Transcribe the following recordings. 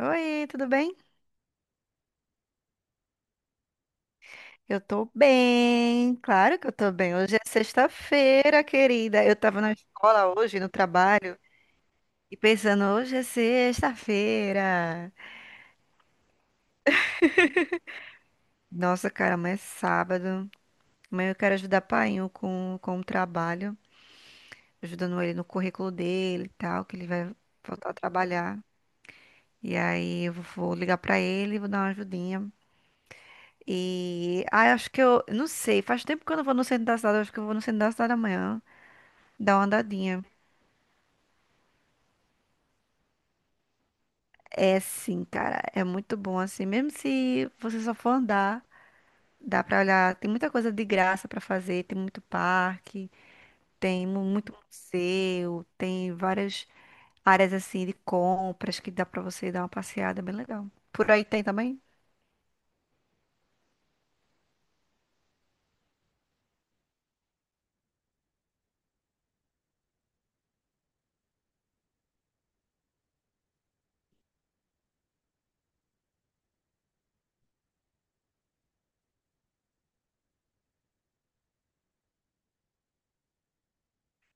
Oi, tudo bem? Eu tô bem, claro que eu tô bem. Hoje é sexta-feira, querida. Eu tava na escola hoje, no trabalho, e pensando, hoje é sexta-feira. Nossa, cara, mas é sábado. Amanhã eu quero ajudar o painho com o trabalho, ajudando ele no currículo dele e tal, que ele vai voltar a trabalhar. E aí eu vou ligar pra ele, vou dar uma ajudinha. E eu acho que eu, não sei, faz tempo que eu não vou no centro da cidade, eu acho que eu vou no centro da cidade amanhã, dar uma andadinha. É sim, cara, é muito bom assim, mesmo se você só for andar, dá pra olhar, tem muita coisa de graça pra fazer, tem muito parque, tem muito museu, tem várias áreas assim de compras que dá pra você dar uma passeada, é bem legal. Por aí tem também?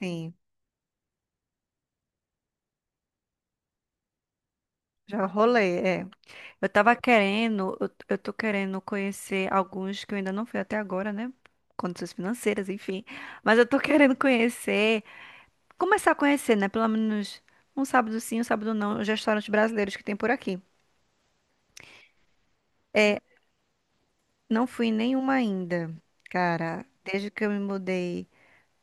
Sim, já rolei, é. Eu tava querendo, eu tô querendo conhecer alguns que eu ainda não fui até agora, né? Condições financeiras, enfim. Mas eu tô querendo conhecer. Começar a conhecer, né? Pelo menos um sábado sim, um sábado não, os restaurantes brasileiros que tem por aqui. Não fui em nenhuma ainda, cara, desde que eu me mudei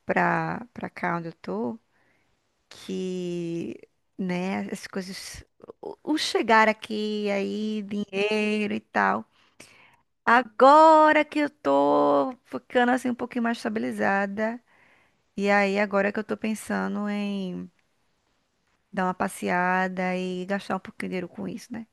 pra cá onde eu tô, que, né, as coisas. O chegar aqui, aí, dinheiro e tal. Agora que eu tô ficando assim um pouquinho mais estabilizada. E aí, agora que eu tô pensando em dar uma passeada e gastar um pouquinho de dinheiro com isso, né?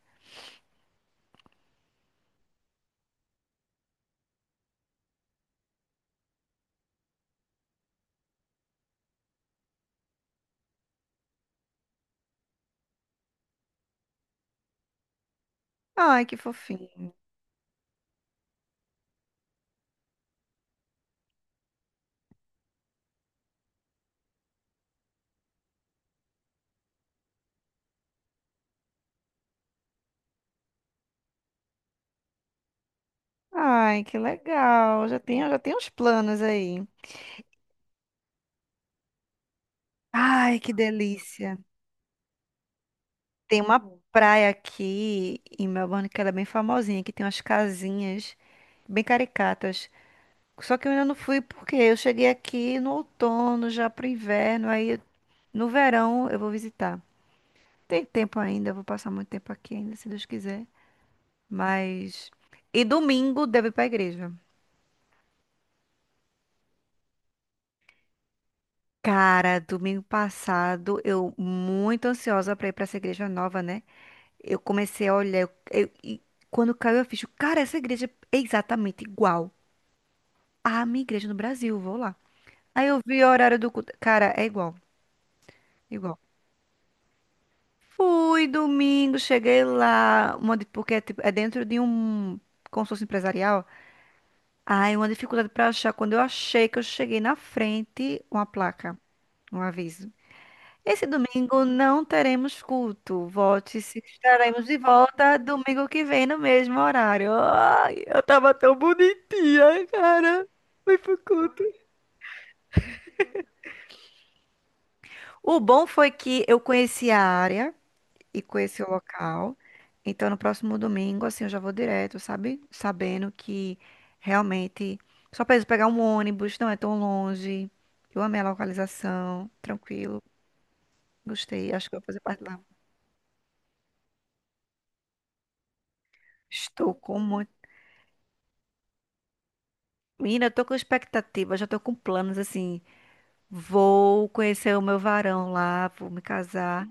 Ai, que fofinho. Ai, que legal. Já tenho uns planos aí. Ai, que delícia. Tem uma praia aqui em Melbourne que ela é bem famosinha, que tem umas casinhas bem caricatas. Só que eu ainda não fui porque eu cheguei aqui no outono, já pro inverno, aí no verão eu vou visitar. Tem tempo ainda, eu vou passar muito tempo aqui ainda, se Deus quiser. Mas. E domingo devo ir pra igreja. Cara, domingo passado eu muito ansiosa pra ir pra essa igreja nova, né? Eu comecei a olhar, e quando caiu a ficha, cara, essa igreja é exatamente igual à minha igreja no Brasil, vou lá. Aí eu vi o horário do culto, cara, é igual. Fui domingo, cheguei lá, uma, porque é, é dentro de um consórcio empresarial. Aí uma dificuldade pra achar, quando eu achei que eu cheguei na frente, uma placa, um aviso. Esse domingo não teremos culto. Volte se estaremos de volta domingo que vem no mesmo horário. Ai, eu tava tão bonitinha, cara. Foi pro culto. O bom foi que eu conheci a área e conheci o local. Então, no próximo domingo, assim, eu já vou direto, sabe? Sabendo que realmente só preciso pegar um ônibus, não é tão longe. Eu amei a localização, tranquilo. Gostei, acho que eu vou fazer parte lá. Estou com muito. Menina, eu tô com expectativa, já tô com planos assim. Vou conhecer o meu varão lá, vou me casar.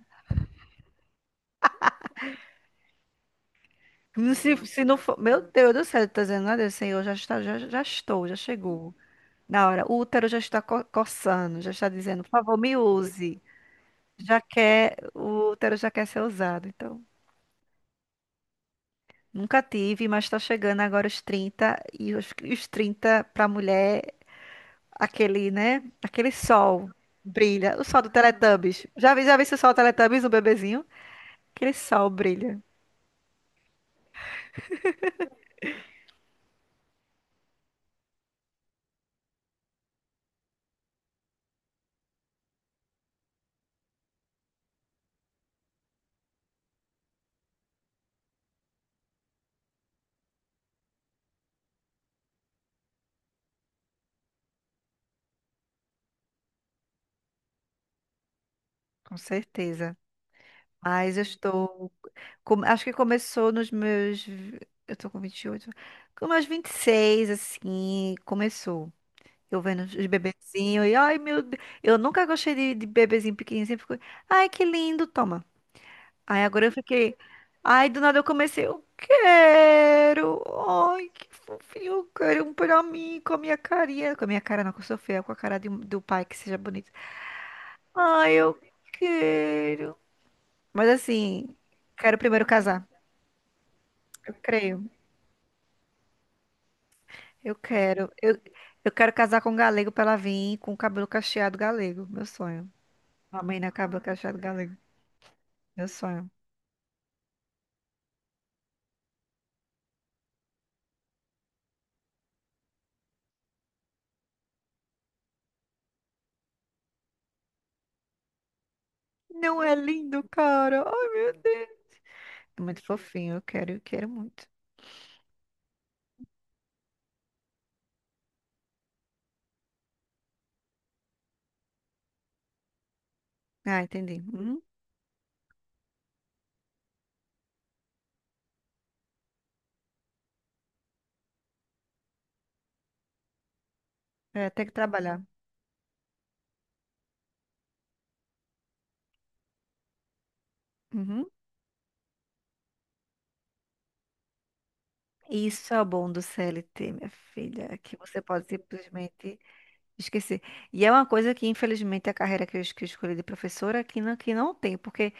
Se, não for, meu Deus do céu, tá dizendo nada, Senhor, já está, já estou, já chegou. Na hora, o útero já está coçando, já está dizendo, por favor, me use. Já quer, o útero já quer ser usado. Então, nunca tive, mas tá chegando agora os 30 e os 30 pra mulher, aquele, né? Aquele sol brilha, o sol do Teletubbies. Já vi esse sol do Teletubbies, o bebezinho? Aquele sol brilha, com certeza. Mas eu estou. Com- acho que começou nos meus. Eu tô com 28, com meus 26, assim, começou. Eu vendo os bebezinhos e, ai meu Deus. Eu nunca gostei de bebezinho pequenininho. Sempre fico, ai que lindo, toma. Aí agora eu fiquei. Ai, do nada eu comecei, eu quero. Ai, que fofinho, eu quero um pra mim, com a minha carinha. Com a minha cara, não, com a Sofia, com a cara de do pai, que seja bonito. Ai, eu. Quero. Mas assim, quero primeiro casar. Eu creio. Eu quero. Eu quero casar com um galego pra ela vir com o cabelo cacheado galego. Meu sonho. Uma menina. Cabelo cacheado galego. Meu sonho. Não é lindo, cara? Ai, meu Deus. É muito fofinho. Eu quero muito. Ah, entendi. Uhum. É, tem que trabalhar. Uhum. Isso é o bom do CLT, minha filha, que você pode simplesmente esquecer. E é uma coisa que, infelizmente, a carreira que que eu escolhi de professora que não tem, porque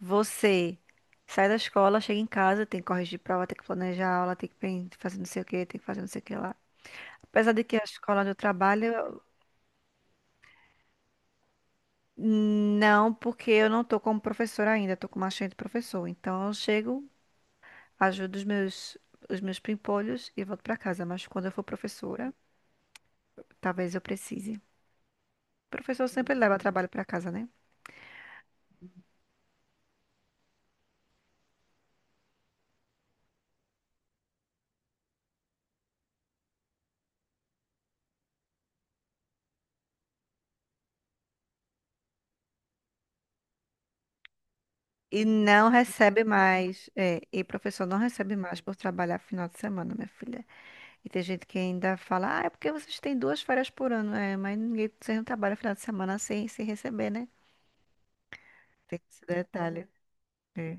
você sai da escola, chega em casa, tem que corrigir prova, tem que planejar aula, tem que fazer não sei o que, tem que fazer não sei o que lá. Apesar de que a escola onde eu trabalho, não, porque eu não tô como professora ainda, eu tô como assistente de professor. Então eu chego, ajudo os meus pimpolhos e volto pra casa. Mas quando eu for professora, talvez eu precise. Professor sempre leva trabalho pra casa, né? E não recebe mais, é, e professor não recebe mais por trabalhar final de semana, minha filha. E tem gente que ainda fala, ah, é porque vocês têm duas férias por ano. É, mas ninguém, vocês não trabalham final de semana sem receber, né? Tem esse detalhe. É,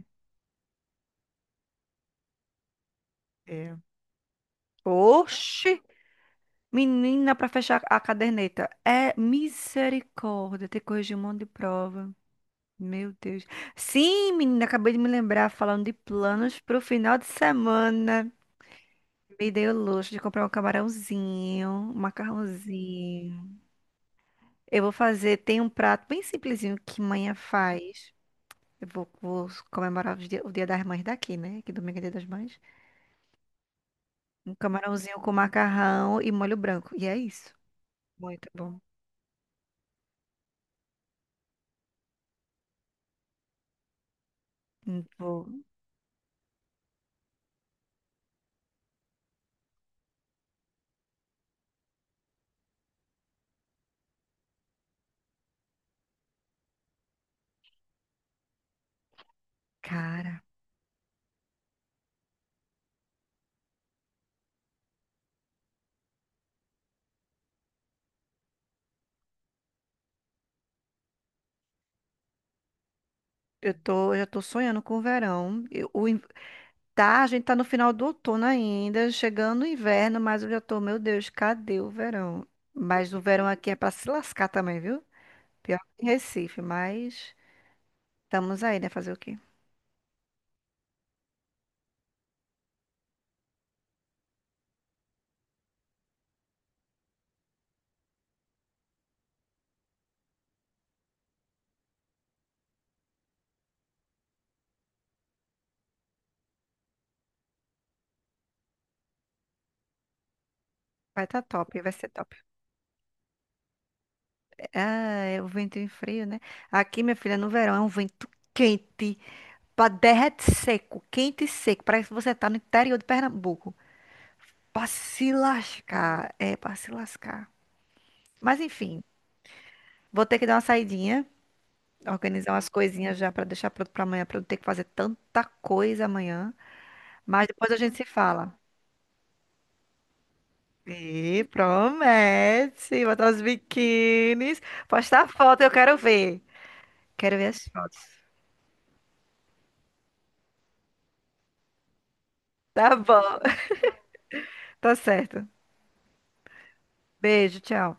é. Oxi! Menina, pra fechar a caderneta. É misericórdia, ter que corrigir um monte de prova. Meu Deus. Sim, menina, acabei de me lembrar, falando de planos pro final de semana. Me dei o luxo de comprar um camarãozinho, um macarrãozinho. Eu vou fazer, tem um prato bem simplesinho que manhã faz. Eu vou, vou comemorar os o Dia das Mães daqui, né? Que domingo é Dia das Mães. Um camarãozinho com macarrão e molho branco. E é isso. Muito bom. Vou. Cara, eu já tô sonhando com o verão. Tá, a gente tá no final do outono ainda, chegando o inverno, mas eu já tô, meu Deus, cadê o verão? Mas o verão aqui é pra se lascar também, viu? Pior que em Recife, mas estamos aí, né? Fazer o quê? Vai tá top, vai ser top. Ah, é o vento em frio, né? Aqui, minha filha, no verão é um vento quente, pra derrete seco, quente e seco. Parece que você tá no interior de Pernambuco. Pra se lascar, é pra se lascar. Mas enfim, vou ter que dar uma saidinha, organizar umas coisinhas já pra deixar pronto pra amanhã, pra não ter que fazer tanta coisa amanhã. Mas depois a gente se fala. E promete, botar os biquínis, postar foto, eu quero ver. Quero ver as fotos. Tá bom, tá certo. Beijo, tchau.